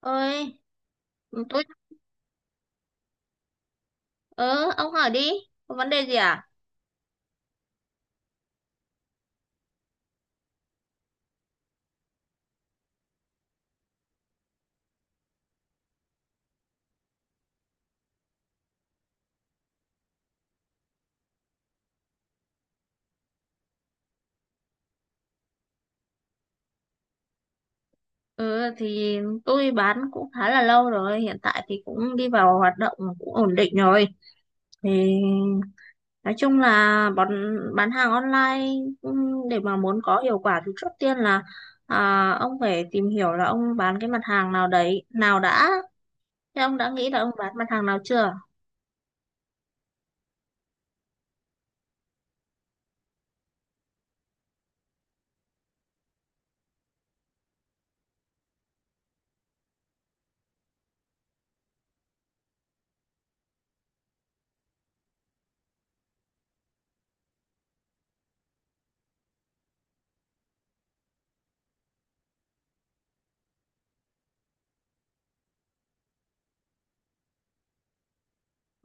Ơi. Tôi. Ờ ông hỏi đi, có vấn đề gì à? Ừ thì tôi bán cũng khá là lâu rồi, hiện tại thì cũng đi vào hoạt động cũng ổn định rồi. Thì nói chung là bán hàng online. Để mà muốn có hiệu quả thì trước tiên là ông phải tìm hiểu là ông bán cái mặt hàng nào đấy nào đã. Thế ông đã nghĩ là ông bán mặt hàng nào chưa?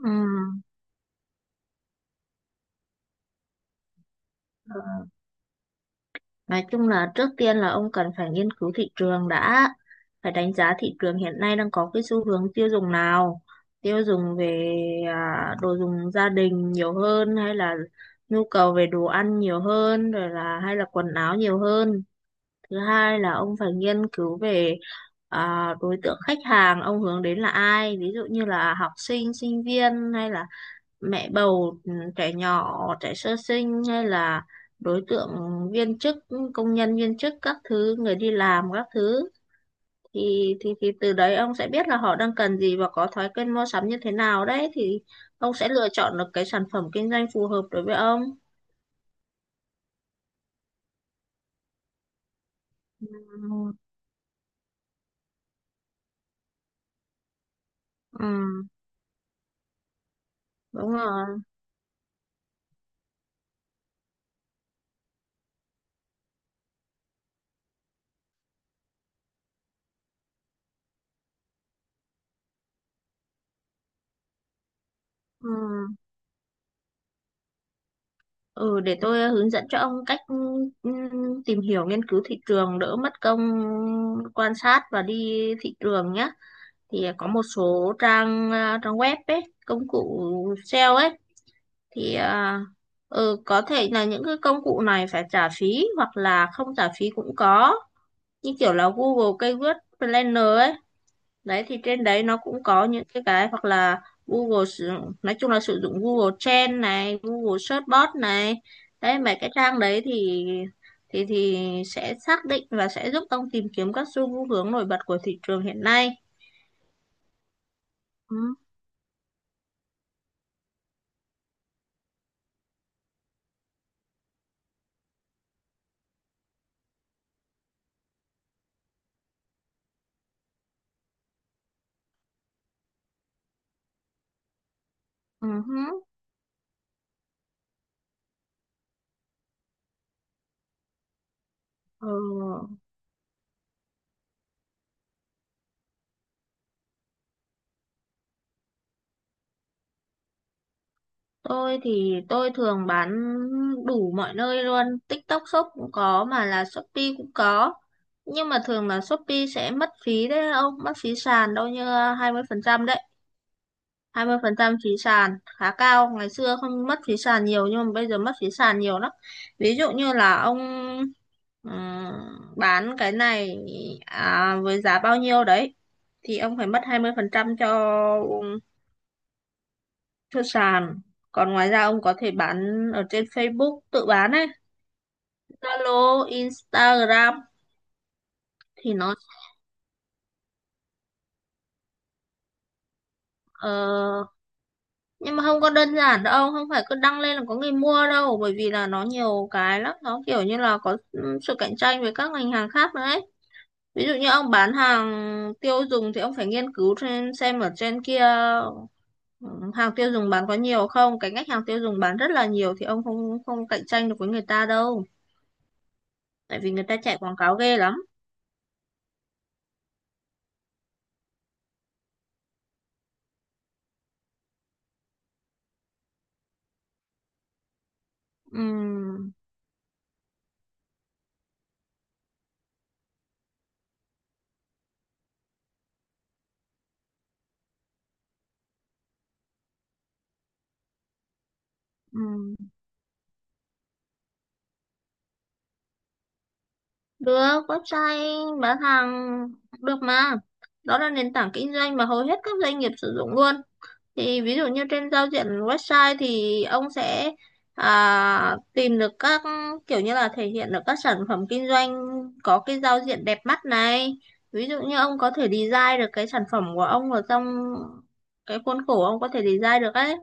Ừ. Nói chung là trước tiên là ông cần phải nghiên cứu thị trường đã, phải đánh giá thị trường hiện nay đang có cái xu hướng tiêu dùng nào, tiêu dùng về đồ dùng gia đình nhiều hơn hay là nhu cầu về đồ ăn nhiều hơn rồi là hay là quần áo nhiều hơn. Thứ hai là ông phải nghiên cứu về đối tượng khách hàng ông hướng đến là ai, ví dụ như là học sinh, sinh viên hay là mẹ bầu, trẻ nhỏ, trẻ sơ sinh, hay là đối tượng viên chức, công nhân viên chức các thứ, người đi làm các thứ. Thì từ đấy ông sẽ biết là họ đang cần gì và có thói quen mua sắm như thế nào đấy. Thì ông sẽ lựa chọn được cái sản phẩm kinh doanh phù hợp đối với ông. Ừ, ừ, đúng rồi. Ừ. Ừ, để tôi hướng dẫn cho ông cách tìm hiểu nghiên cứu thị trường, đỡ mất công quan sát và đi thị trường nhé. Thì có một số trang web ấy, công cụ SEO ấy. Thì có thể là những cái công cụ này phải trả phí hoặc là không trả phí cũng có, như kiểu là Google Keyword Planner ấy. Đấy, thì trên đấy nó cũng có những cái hoặc là Google sử nói chung là sử dụng Google Trend này, Google Search Bot này. Đấy, mấy cái trang đấy thì sẽ xác định và sẽ giúp ông tìm kiếm các xu hướng nổi bật của thị trường hiện nay. Ừ. Ừ. Ờ, tôi thì tôi thường bán đủ mọi nơi luôn, TikTok Shop cũng có mà là Shopee cũng có. Nhưng mà thường là Shopee sẽ mất phí đấy ông, mất phí sàn đâu như 20% đấy. 20% phí sàn khá cao, ngày xưa không mất phí sàn nhiều nhưng mà bây giờ mất phí sàn nhiều lắm. Ví dụ như là ông ừm, bán cái này với giá bao nhiêu đấy, thì ông phải mất 20% cho sàn. Còn ngoài ra ông có thể bán ở trên Facebook tự bán ấy, Zalo, Instagram. thì nó ờ, nhưng mà không có đơn giản đâu, không phải cứ đăng lên là có người mua đâu, bởi vì là nó nhiều cái lắm, nó kiểu như là có sự cạnh tranh với các ngành hàng khác nữa ấy. Ví dụ như ông bán hàng tiêu dùng thì ông phải nghiên cứu trên xem ở trên kia ừ, hàng tiêu dùng bán có nhiều không. Cái ngách hàng tiêu dùng bán rất là nhiều thì ông không không cạnh tranh được với người ta đâu, tại vì người ta chạy quảng cáo ghê lắm. Ừm. Ừ. Được, website bán hàng được mà. Đó là nền tảng kinh doanh mà hầu hết các doanh nghiệp sử dụng luôn. Thì ví dụ như trên giao diện website thì ông sẽ tìm được các, kiểu như là thể hiện được các sản phẩm kinh doanh, có cái giao diện đẹp mắt này. Ví dụ như ông có thể design được cái sản phẩm của ông ở trong cái khuôn khổ ông có thể design được ấy.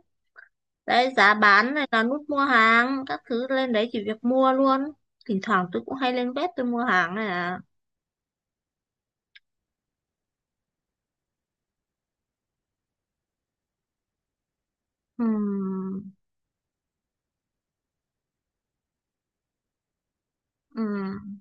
Đấy, giá bán này, là nút mua hàng các thứ lên đấy chỉ việc mua luôn. Thỉnh thoảng tôi cũng hay lên web tôi mua hàng này à. Ừm. Ừm.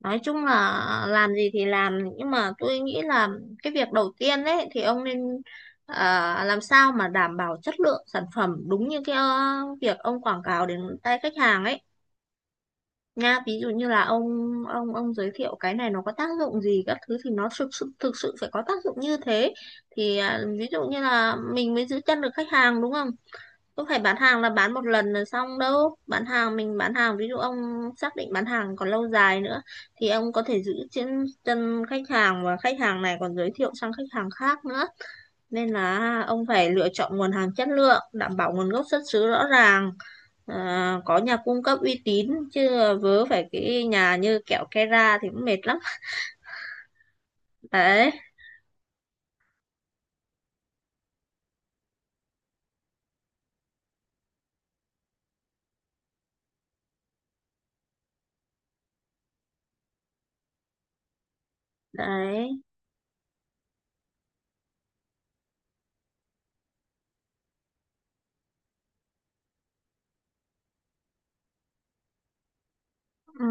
Nói chung là làm gì thì làm, nhưng mà tôi nghĩ là cái việc đầu tiên đấy thì ông nên làm sao mà đảm bảo chất lượng sản phẩm đúng như cái việc ông quảng cáo đến tay khách hàng ấy nha. Ví dụ như là ông giới thiệu cái này nó có tác dụng gì các thứ, thì nó thực sự phải có tác dụng như thế, thì ví dụ như là mình mới giữ chân được khách hàng đúng không. Không phải bán hàng là bán một lần là xong đâu, bán hàng mình bán hàng ví dụ ông xác định bán hàng còn lâu dài nữa, thì ông có thể giữ chân chân khách hàng, và khách hàng này còn giới thiệu sang khách hàng khác nữa. Nên là ông phải lựa chọn nguồn hàng chất lượng, đảm bảo nguồn gốc xuất xứ rõ ràng, có nhà cung cấp uy tín chứ vớ phải cái nhà như kẹo kera thì cũng mệt lắm. Đấy. Đấy. Ừ,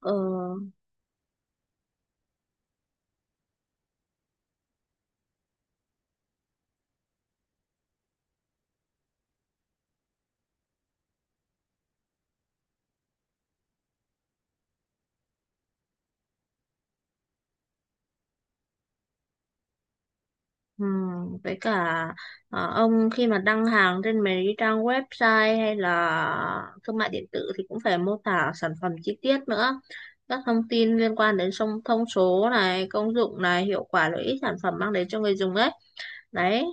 ừ, ừ. Với cả ông khi mà đăng hàng trên mấy cái trang website hay là thương mại điện tử thì cũng phải mô tả sản phẩm chi tiết nữa, các thông tin liên quan đến song thông số này, công dụng này, hiệu quả lợi ích sản phẩm mang đến cho người dùng ấy. Đấy,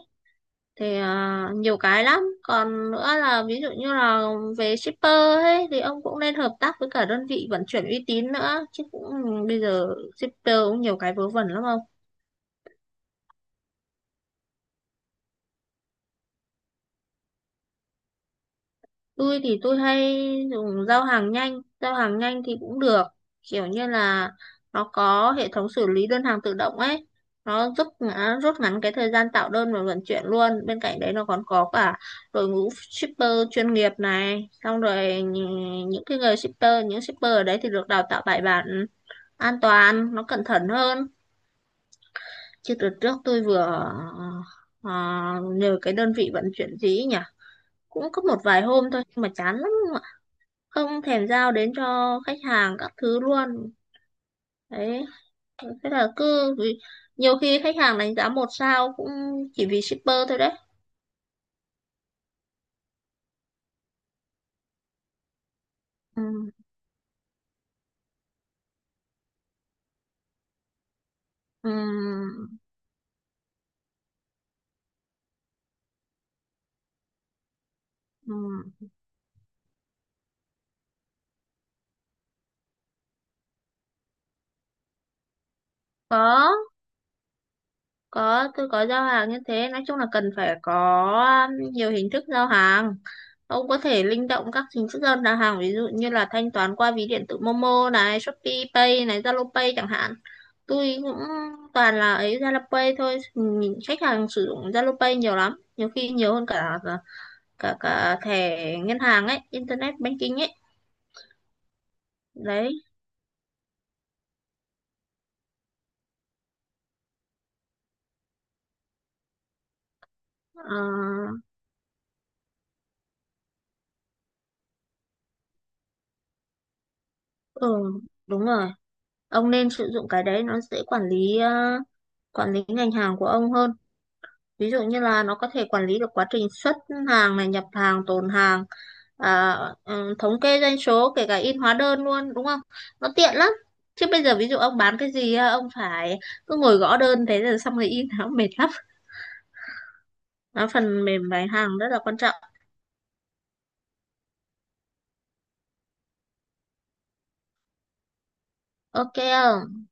thì nhiều cái lắm, còn nữa là ví dụ như là về shipper ấy thì ông cũng nên hợp tác với cả đơn vị vận chuyển uy tín nữa chứ. Cũng bây giờ shipper cũng nhiều cái vớ vẩn lắm ông. Tôi thì tôi hay dùng giao hàng nhanh thì cũng được, kiểu như là nó có hệ thống xử lý đơn hàng tự động ấy, nó giúp rút ngắn cái thời gian tạo đơn và vận chuyển luôn. Bên cạnh đấy nó còn có cả đội ngũ shipper chuyên nghiệp này, xong rồi những cái người shipper, những shipper ở đấy thì được đào tạo bài bản, an toàn, nó cẩn thận hơn. Chứ đợt trước tôi vừa ờ, nhờ cái đơn vị vận chuyển gì ấy nhỉ, cũng có một vài hôm thôi nhưng mà chán lắm, không thèm giao đến cho khách hàng các thứ luôn. Đấy, thế là cứ vì nhiều khi khách hàng đánh giá 1 sao cũng chỉ vì shipper thôi đấy. Ừ, ừ, ừ. Có. Có, tôi có giao hàng như thế, nói chung là cần phải có nhiều hình thức giao hàng. Ông có thể linh động các hình thức giao hàng, ví dụ như là thanh toán qua ví điện tử Momo này, Shopee Pay này, Zalo Pay chẳng hạn. Tôi cũng toàn là ấy Zalo Pay thôi. Nhìn khách hàng sử dụng Zalo Pay nhiều lắm, nhiều khi nhiều hơn cả cả cả thẻ ngân hàng ấy, internet banking ấy. Đấy. ờ, ừ, đúng rồi, ông nên sử dụng cái đấy, nó dễ quản lý, quản lý ngành hàng của ông hơn. Ví dụ như là nó có thể quản lý được quá trình xuất hàng này, nhập hàng, tồn hàng, à, thống kê doanh số, kể cả in hóa đơn luôn đúng không, nó tiện lắm. Chứ bây giờ ví dụ ông bán cái gì á, ông phải cứ ngồi gõ đơn thế rồi xong rồi in nó mệt lắm. Nó phần mềm bán hàng rất là quan trọng. Ok không